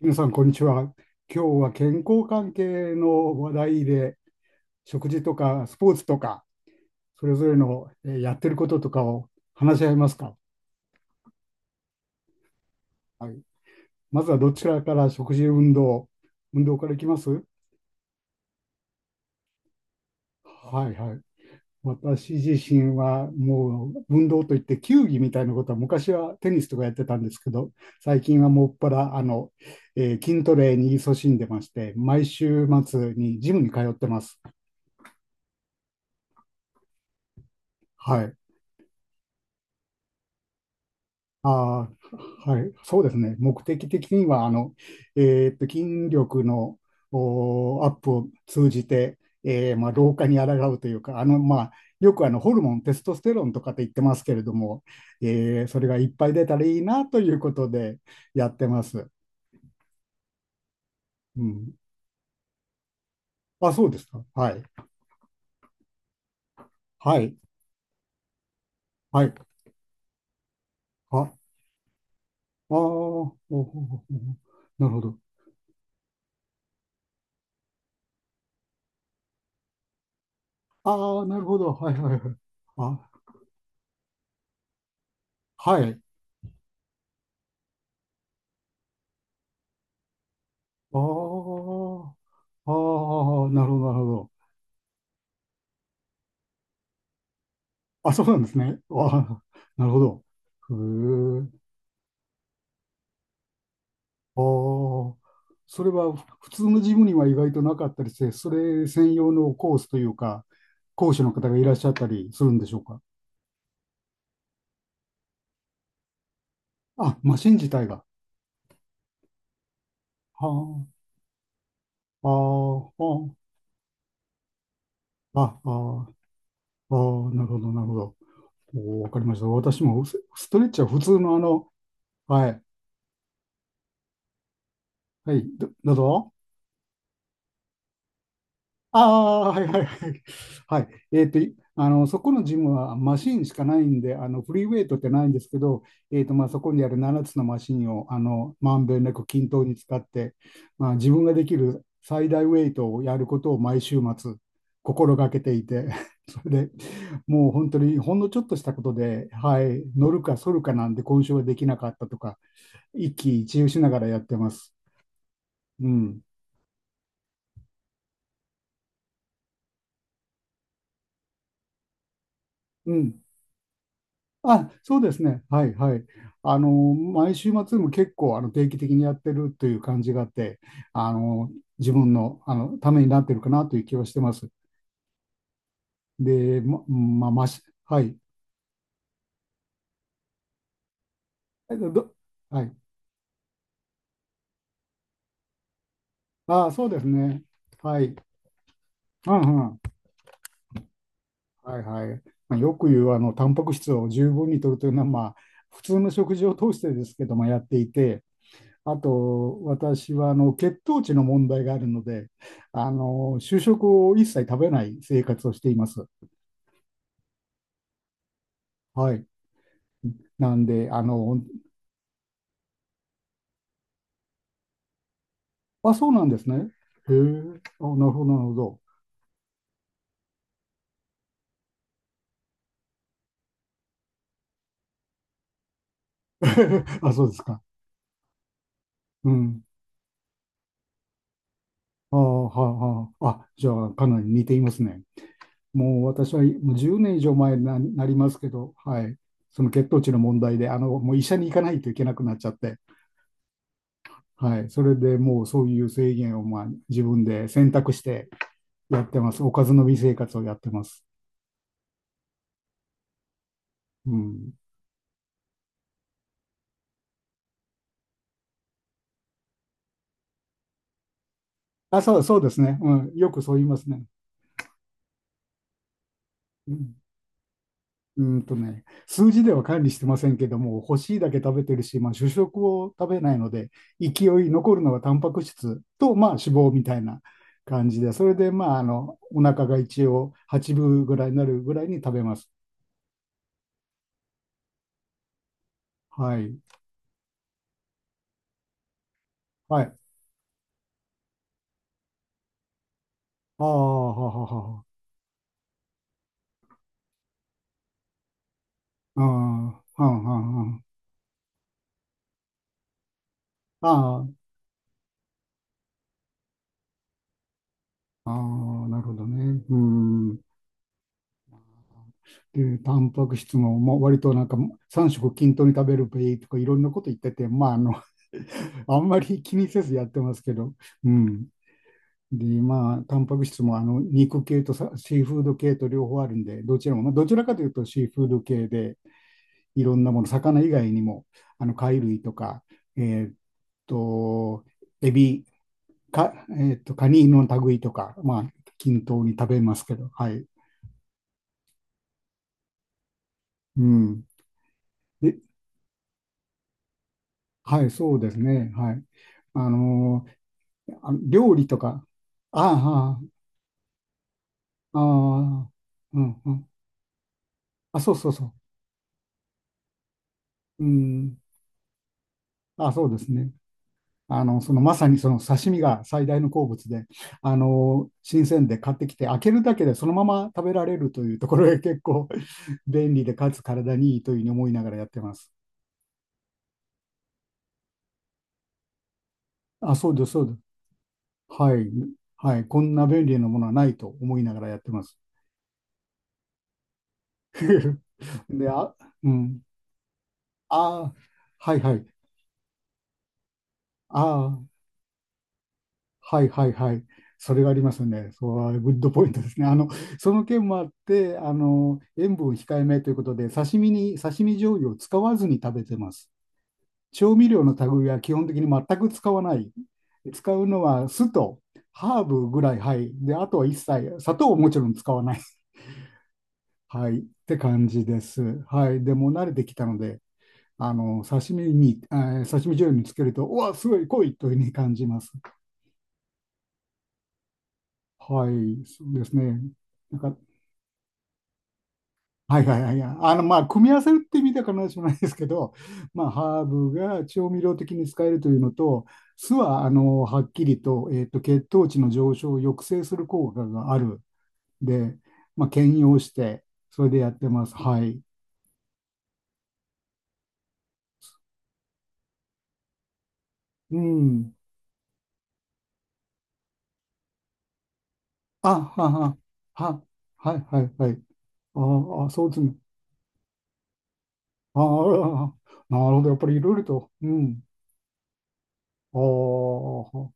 皆さん、こんにちは。今日は健康関係の話題で、食事とかスポーツとか、それぞれのやってることとかを話し合いますか。はい、まずはどちらから食事、運動、運動からいきます。はいはい。私自身はもう運動といって球技みたいなことは昔はテニスとかやってたんですけど、最近はもっぱら筋トレに勤しんでまして、毎週末にジムに通ってます。はい。ああ、はい、そうですね。目的的には、あの、筋力のアップを通じて、まあ、老化に抗うというか、あの、まあ、よくあのホルモン、テストステロンとかって言ってますけれども、それがいっぱい出たらいいなということでやってます。うん。あ、そうですか。はい。はい。はい。あ、ああ、おおおなるほど。ああ、なるほど。はいはいはい。あ、はい。ああ。ああ、なるほど、なるほど。あ、そうなんですね。ああ、なるほど。へえ。ああ、それは普通のジムには意外となかったりして、それ専用のコースというか、講師の方がいらっしゃったりするんでしょうか。あ、マシン自体が。はあ、ああ、ああ、ああ、ああなるほど、なるほど。わかりました。私もスストレッチは普通のあの、はい、はい、どうぞ。ああ、はいはいはい。はい。そこのジムはマシンしかないんで、あの、フリーウェイトってないんですけど、まあ、そこにある7つのマシンを、あの、まんべんなく均等に使って、まあ、自分ができる最大ウェイトをやることを毎週末、心がけていて、それで、もう本当にほんのちょっとしたことで、はい、乗るか反るかなんで、今週はできなかったとか、一喜一憂しながらやってます。うん。うん。あ、そうですね。はいはい。あの、毎週末も結構あの定期的にやってるという感じがあって、あの、自分の、あのためになってるかなという気はしてます。で、まあ、はい。えっとど、はい。ああ、そうですね。はい。うんうん。はいはい。まあ、よく言う、あの、タンパク質を十分に摂るというのは、まあ、普通の食事を通してですけども、やっていて、あと、私はあの血糖値の問題があるので、あの主食を一切食べない生活をしています。はい。なんで、あの、あ、そうなんですね。へえ、あ、なるほど、なるほど。あ、そうですか。うん。あーはあ、はあ、あ、じゃあ、かなり似ていますね。もう私はもう10年以上前になりますけど、はい。その血糖値の問題で、あの、もう医者に行かないといけなくなっちゃって、はい。それでもうそういう制限を、まあ、自分で選択して、やってます。おかずの美生活をやってます。うん。あ、そう、そうですね。うん。よくそう言いますね。うん。うんとね、数字では管理してませんけども、欲しいだけ食べてるし、まあ、主食を食べないので、勢い残るのはタンパク質と、まあ、脂肪みたいな感じで、それで、まあ、あの、お腹が一応8分ぐらいになるぐらいに食べます。はい。はい。ああ、はははは。ああ、はんはんはん。ああ、ああ、なるほどね。うん。で、タンパク質も、まあ、割となんか3食均等に食べるべいとかいろんなこと言ってて、まあ、あの あんまり気にせずやってますけど、うん。で、まあ、タンパク質もあの肉系とシーフード系と両方あるんで、どちらも、まあ、どちらかというとシーフード系で、いろんなもの、魚以外にも、あの貝類とか、えーっと、エビ、か、えーっと、カニの類とか、まあ、均等に食べますけど、はい。うん。で、はい、そうですね。はい。あのー料理とか、ああ、ああ、うん、うん。あ、そうそうそう。うん。あ、そうですね。あの、そのまさにその刺身が最大の好物で、新鮮で買ってきて、開けるだけでそのまま食べられるというところが結構 便利で、かつ体にいいというふうに思いながらやってます。あ、そうです、そうです。はい。はい。こんな便利なものはないと思いながらやってます。で、あ、うん。ああ、はいはい。ああ、はいはいはい。それがありますね。そう、グッドポイントですね。あの、その件もあって、あの、塩分控えめということで、刺身に、刺身醤油を使わずに食べてます。調味料の類は基本的に全く使わない。使うのは酢とハーブぐらい、はい。で、あとは一切、砂糖をもちろん使わない。はい。って感じです。はい。でもう慣れてきたので、あの、刺身に、刺身醤油につけると、うわ、すごい濃いというふうに感じます。はい、そうですね。なんか、はいはいはいはい。あの、まあ、組み合わせるって意味では必ずしもないですけど、まあ、ハーブが調味料的に使えるというのと、酢は、あの、はっきりと、血糖値の上昇を抑制する効果がある。で、まあ、兼用して、それでやってます。はい。うん。あ、はは、は、はいはいはい。ああ、そうですね。ああ、なるほど。やっぱりいろいろと。うん。ああ、は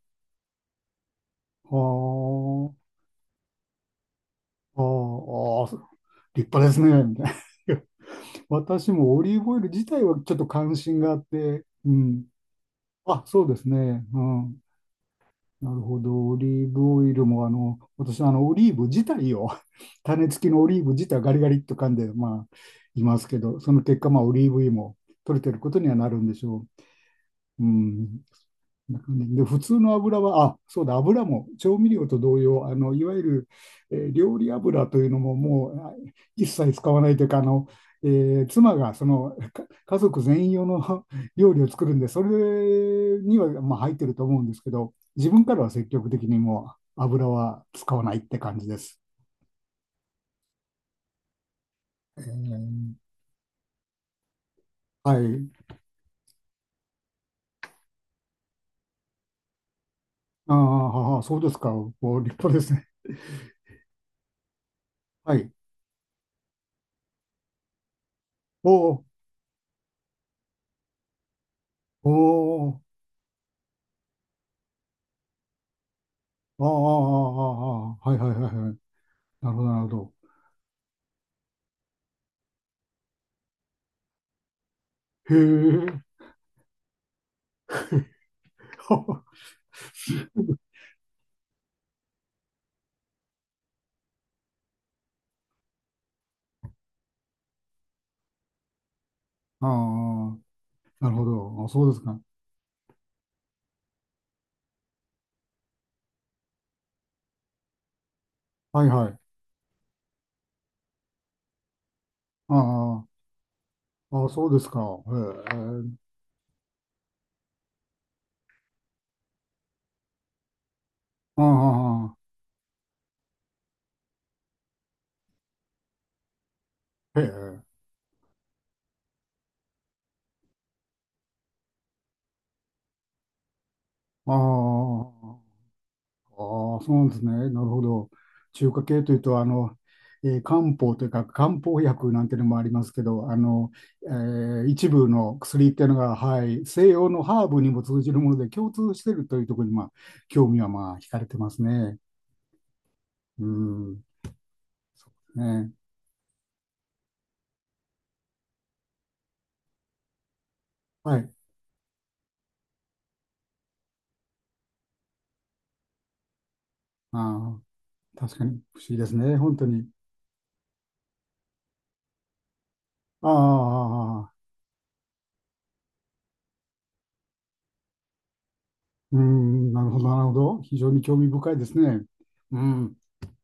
あ。ああ、ああ立派ですね、みたいな。私もオリーブオイル自体はちょっと関心があって、うん。あ、そうですね。うん。なるほど。オリーブオイルも、あの、私、あの、オリーブ自体を、種付きのオリーブ自体はガリガリっと噛んで、まあ、いますけど、その結果、まあ、オリーブ油も取れてることにはなるんでしょう。うん。で、普通の油は、あ、そうだ、油も調味料と同様、あの、いわゆる、料理油というのももう一切使わないというか、あの、妻がそのか家族全員用の 料理を作るんで、それには、まあ、入ってると思うんですけど、自分からは積極的にもう油は使わないって感じです。えーはい。あーはは、そうですか。お、立派ですね。はい。おおおおあーあー、あーあーはいはいはいはい。なるほど、なるほど。へえ。ああ、なるほど。あ、そうですか。はいはい。ああ、あ、そうですか。へえ。ああ、へえ。ああ、ああ、そうなんですね。なるほど。中華系というと、あの、漢方というか、漢方薬なんていうのもありますけど、あの、一部の薬っていうのが、はい、西洋のハーブにも通じるもので共通しているというところに、まあ、興味はまあ、惹かれてますね。うん、そうですね。はい。ああ、確かに不思議ですね、本当に。ああ、ああああうん、なるほど、なるほど。非常に興味深いですね。うん。